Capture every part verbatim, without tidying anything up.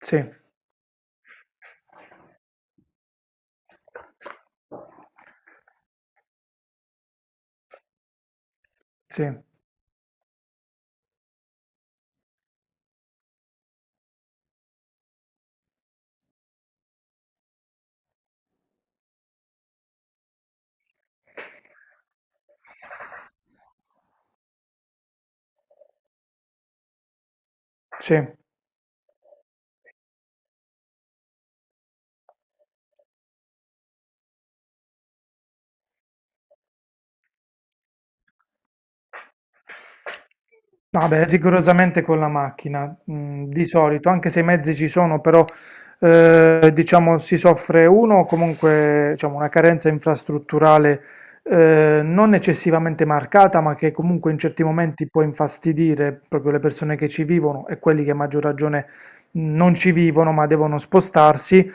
Sì, sì, sì. Vabbè, rigorosamente con la macchina, mm, di solito, anche se i mezzi ci sono, però eh, diciamo si soffre uno comunque diciamo, una carenza infrastrutturale eh, non eccessivamente marcata, ma che comunque in certi momenti può infastidire proprio le persone che ci vivono e quelli che a maggior ragione mm, non ci vivono, ma devono spostarsi,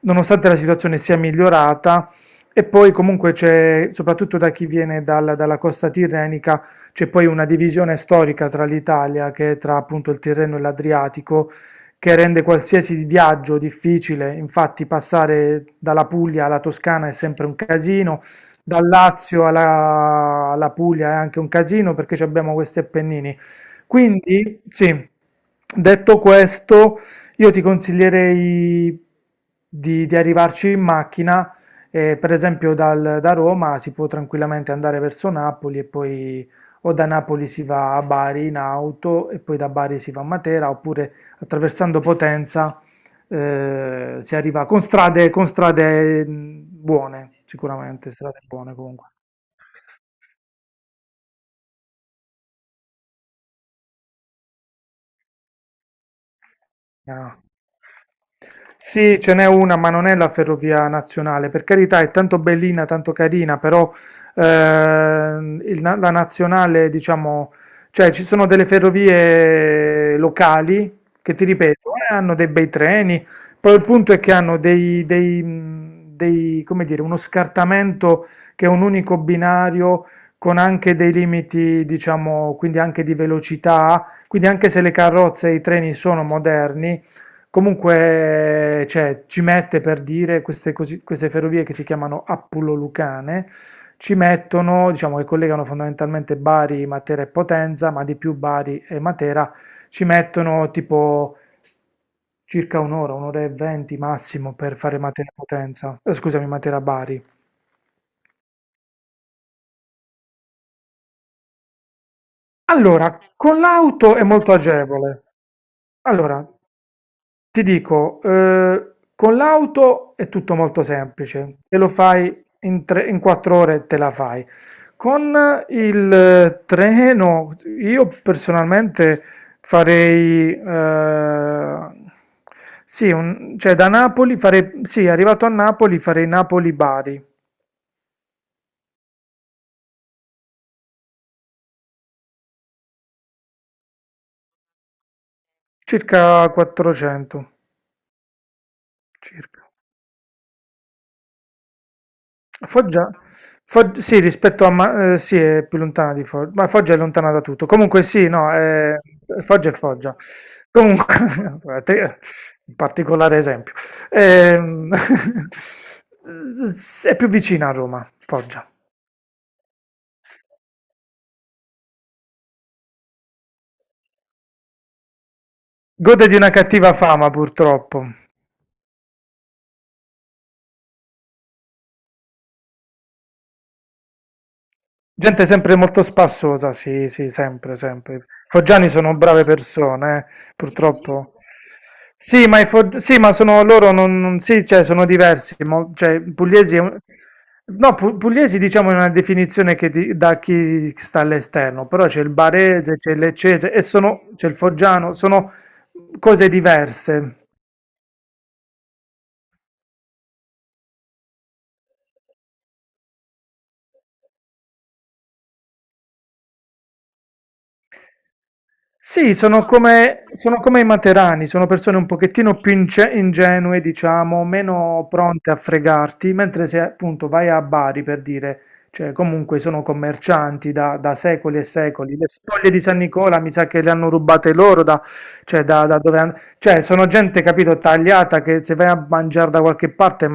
nonostante la situazione sia migliorata. E poi comunque c'è, soprattutto da chi viene dal- dalla costa tirrenica, c'è poi una divisione storica tra l'Italia, che è tra appunto il Tirreno e l'Adriatico, che rende qualsiasi viaggio difficile. Infatti, passare dalla Puglia alla Toscana è sempre un casino, dal Lazio alla, alla Puglia è anche un casino perché ci abbiamo questi Appennini. Quindi, sì, detto questo, io ti consiglierei di, di arrivarci in macchina. eh, per esempio, dal- da Roma si può tranquillamente andare verso Napoli e poi o da Napoli si va a Bari in auto e poi da Bari si va a Matera, oppure attraversando Potenza eh, si arriva con strade, con strade mh, buone, sicuramente strade buone comunque. Ah. Sì, ce n'è una, ma non è la ferrovia nazionale. Per carità, è tanto bellina, tanto carina, però ehm, il na- la nazionale, diciamo, cioè ci sono delle ferrovie locali che ti ripeto, eh, hanno dei bei treni. Poi il punto è che hanno dei, dei, mh, dei, come dire, uno scartamento che è un unico binario con anche dei limiti, diciamo, quindi anche di velocità, quindi anche se le carrozze e i treni sono moderni, comunque cioè, ci mette per dire queste, cosi- queste ferrovie che si chiamano Appulo-Lucane, ci mettono, diciamo che collegano fondamentalmente Bari, Matera e Potenza, ma di più Bari e Matera, ci mettono tipo circa un'ora, un'ora e venti massimo per fare Matera-Potenza, eh, scusami, Matera-Bari. Allora, con l'auto è molto agevole. Allora, ti dico, eh, con l'auto è tutto molto semplice, te lo fai in, tre- in quattro ore, te la fai. Con il eh, treno, io personalmente farei, eh, sì, un- cioè da Napoli farei, sì, arrivato a Napoli farei Napoli-Bari, circa quattrocento, circa. Foggia? Fog- sì, rispetto a... Ma- eh, sì, è più lontana di Foggia, ma Foggia è lontana da tutto. Comunque sì, no, eh, Foggia è Foggia. Comunque, guardate, un particolare esempio. Ehm, è più vicina a Roma, Foggia. Gode di una cattiva fama, purtroppo. Gente sempre molto spassosa, sì, sì, sempre, sempre. Foggiani sono brave persone, eh, purtroppo. Sì, ma, i fog- sì, ma sono loro, non, non- sì, cioè, sono diversi. mo- cioè, pugliesi, è un- no, pu- pugliesi diciamo è una definizione che ti- da chi sta all'esterno, però c'è il barese, c'è il leccese e sono, c'è il foggiano, sono cose diverse. Sì, sono come, sono come i materani, sono persone un pochettino più ince- ingenue, diciamo, meno pronte a fregarti, mentre se appunto vai a Bari per dire, cioè comunque sono commercianti da, da secoli e secoli, le spoglie di San Nicola mi sa che le hanno rubate loro, da, cioè, da, da dove han- cioè sono gente, capito, tagliata che se vai a mangiare da qualche parte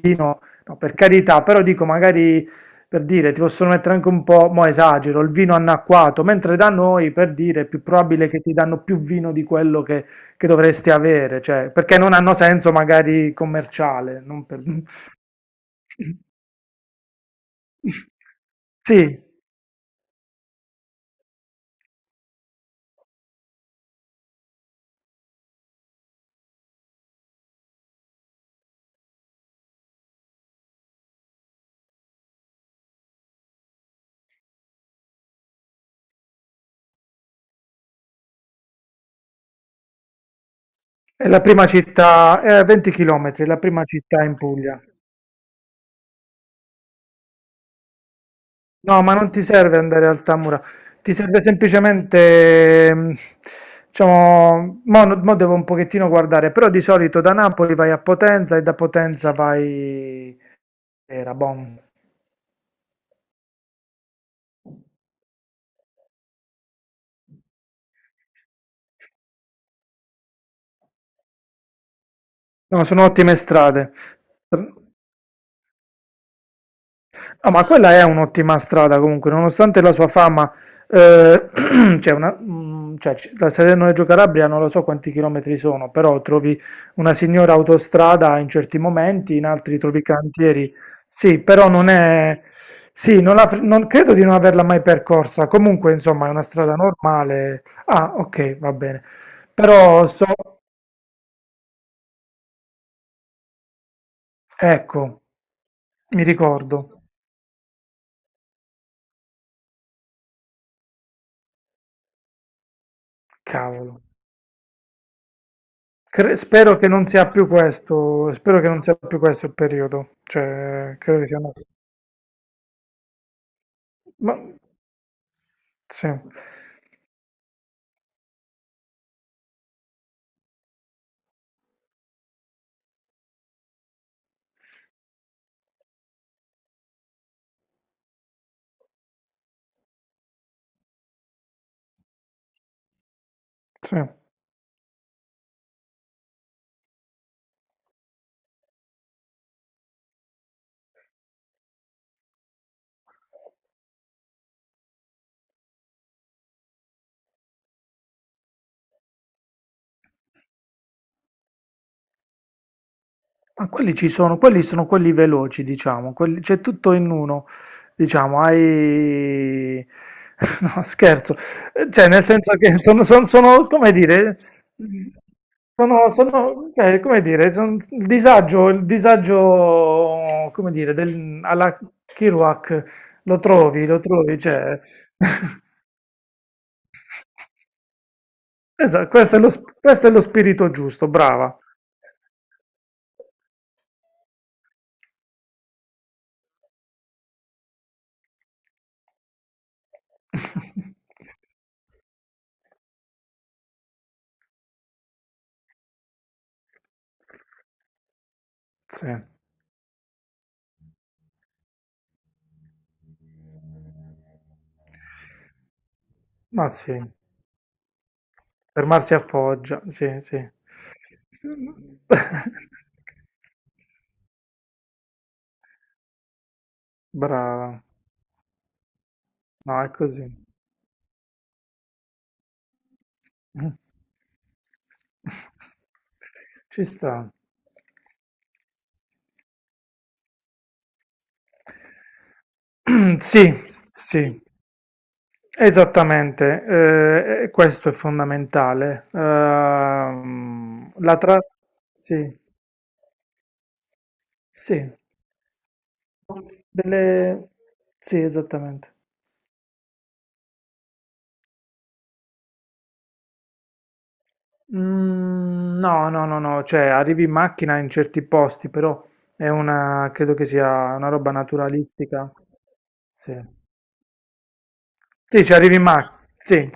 vino, no, per carità, però dico magari per dire, ti possono mettere anche un po', mo esagero, il vino annacquato, mentre da noi, per dire, è più probabile che ti danno più vino di quello che, che dovresti avere, cioè, perché non hanno senso magari commerciale. Non per- sì, è la prima città, è a venti chilometri, la prima città in Puglia. No, ma non ti serve andare al Tamura, ti serve semplicemente, mm, diciamo, mo, mo devo un pochettino guardare, però di solito da Napoli vai a Potenza e da Potenza vai. Era bom. No, sono ottime strade. No, ma quella è un'ottima strada comunque, nonostante la sua fama, eh, c'è una, mm, cioè, c- da Salerno a Reggio Calabria non lo so quanti chilometri sono, però trovi una signora autostrada in certi momenti, in altri trovi cantieri. Sì, però non è... Sì, non, la fr- non- credo di non averla mai percorsa. Comunque, insomma, è una strada normale. Ah, ok, va bene. Però so... Ecco, mi ricordo. Cavolo. Cre- spero che non sia più questo, spero che non sia più questo il periodo, cioè credo che sia andato. Ma sì, sì. Ma quelli ci sono, quelli sono quelli veloci, diciamo, quelli- c'è tutto in uno, diciamo, hai... No, scherzo. Eh, cioè nel senso che sono, sono- sono, come dire, sono, sono, cioè, come dire, son- il disagio, il disagio, come dire, del, alla Kerouac, lo trovi, lo trovi, cioè... Esatto, questo è lo, sp- questo è lo spirito giusto, brava. Sì. Ma sì, fermarsi a Foggia, sì, sì. Brava, no, è così. Ci sta. Sì, sì, esattamente. eh, e questo è fondamentale. Ehm, la tra... Sì, sì. Delle... Sì, esattamente. Mm, No, no, no, no, cioè arrivi in macchina in certi posti, però è una, credo che sia una roba naturalistica. Sì, sì, ci arrivi in macchina, sì,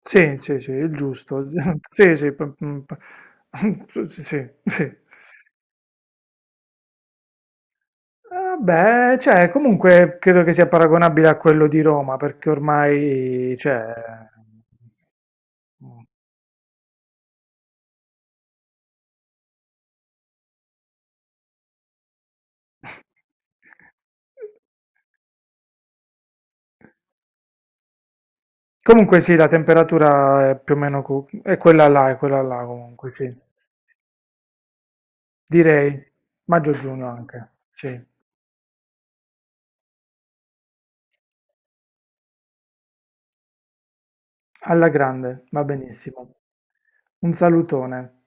sì, sì, sì, il giusto, sì, sì, p- p- p- sì, sì. Sì. Eh, beh, cioè, comunque credo che sia paragonabile a quello di Roma, perché ormai, cioè... Comunque sì, la temperatura è più o meno cu- è quella là, è quella là comunque, sì. Direi maggio-giugno anche, sì. Alla grande, va benissimo. Un salutone.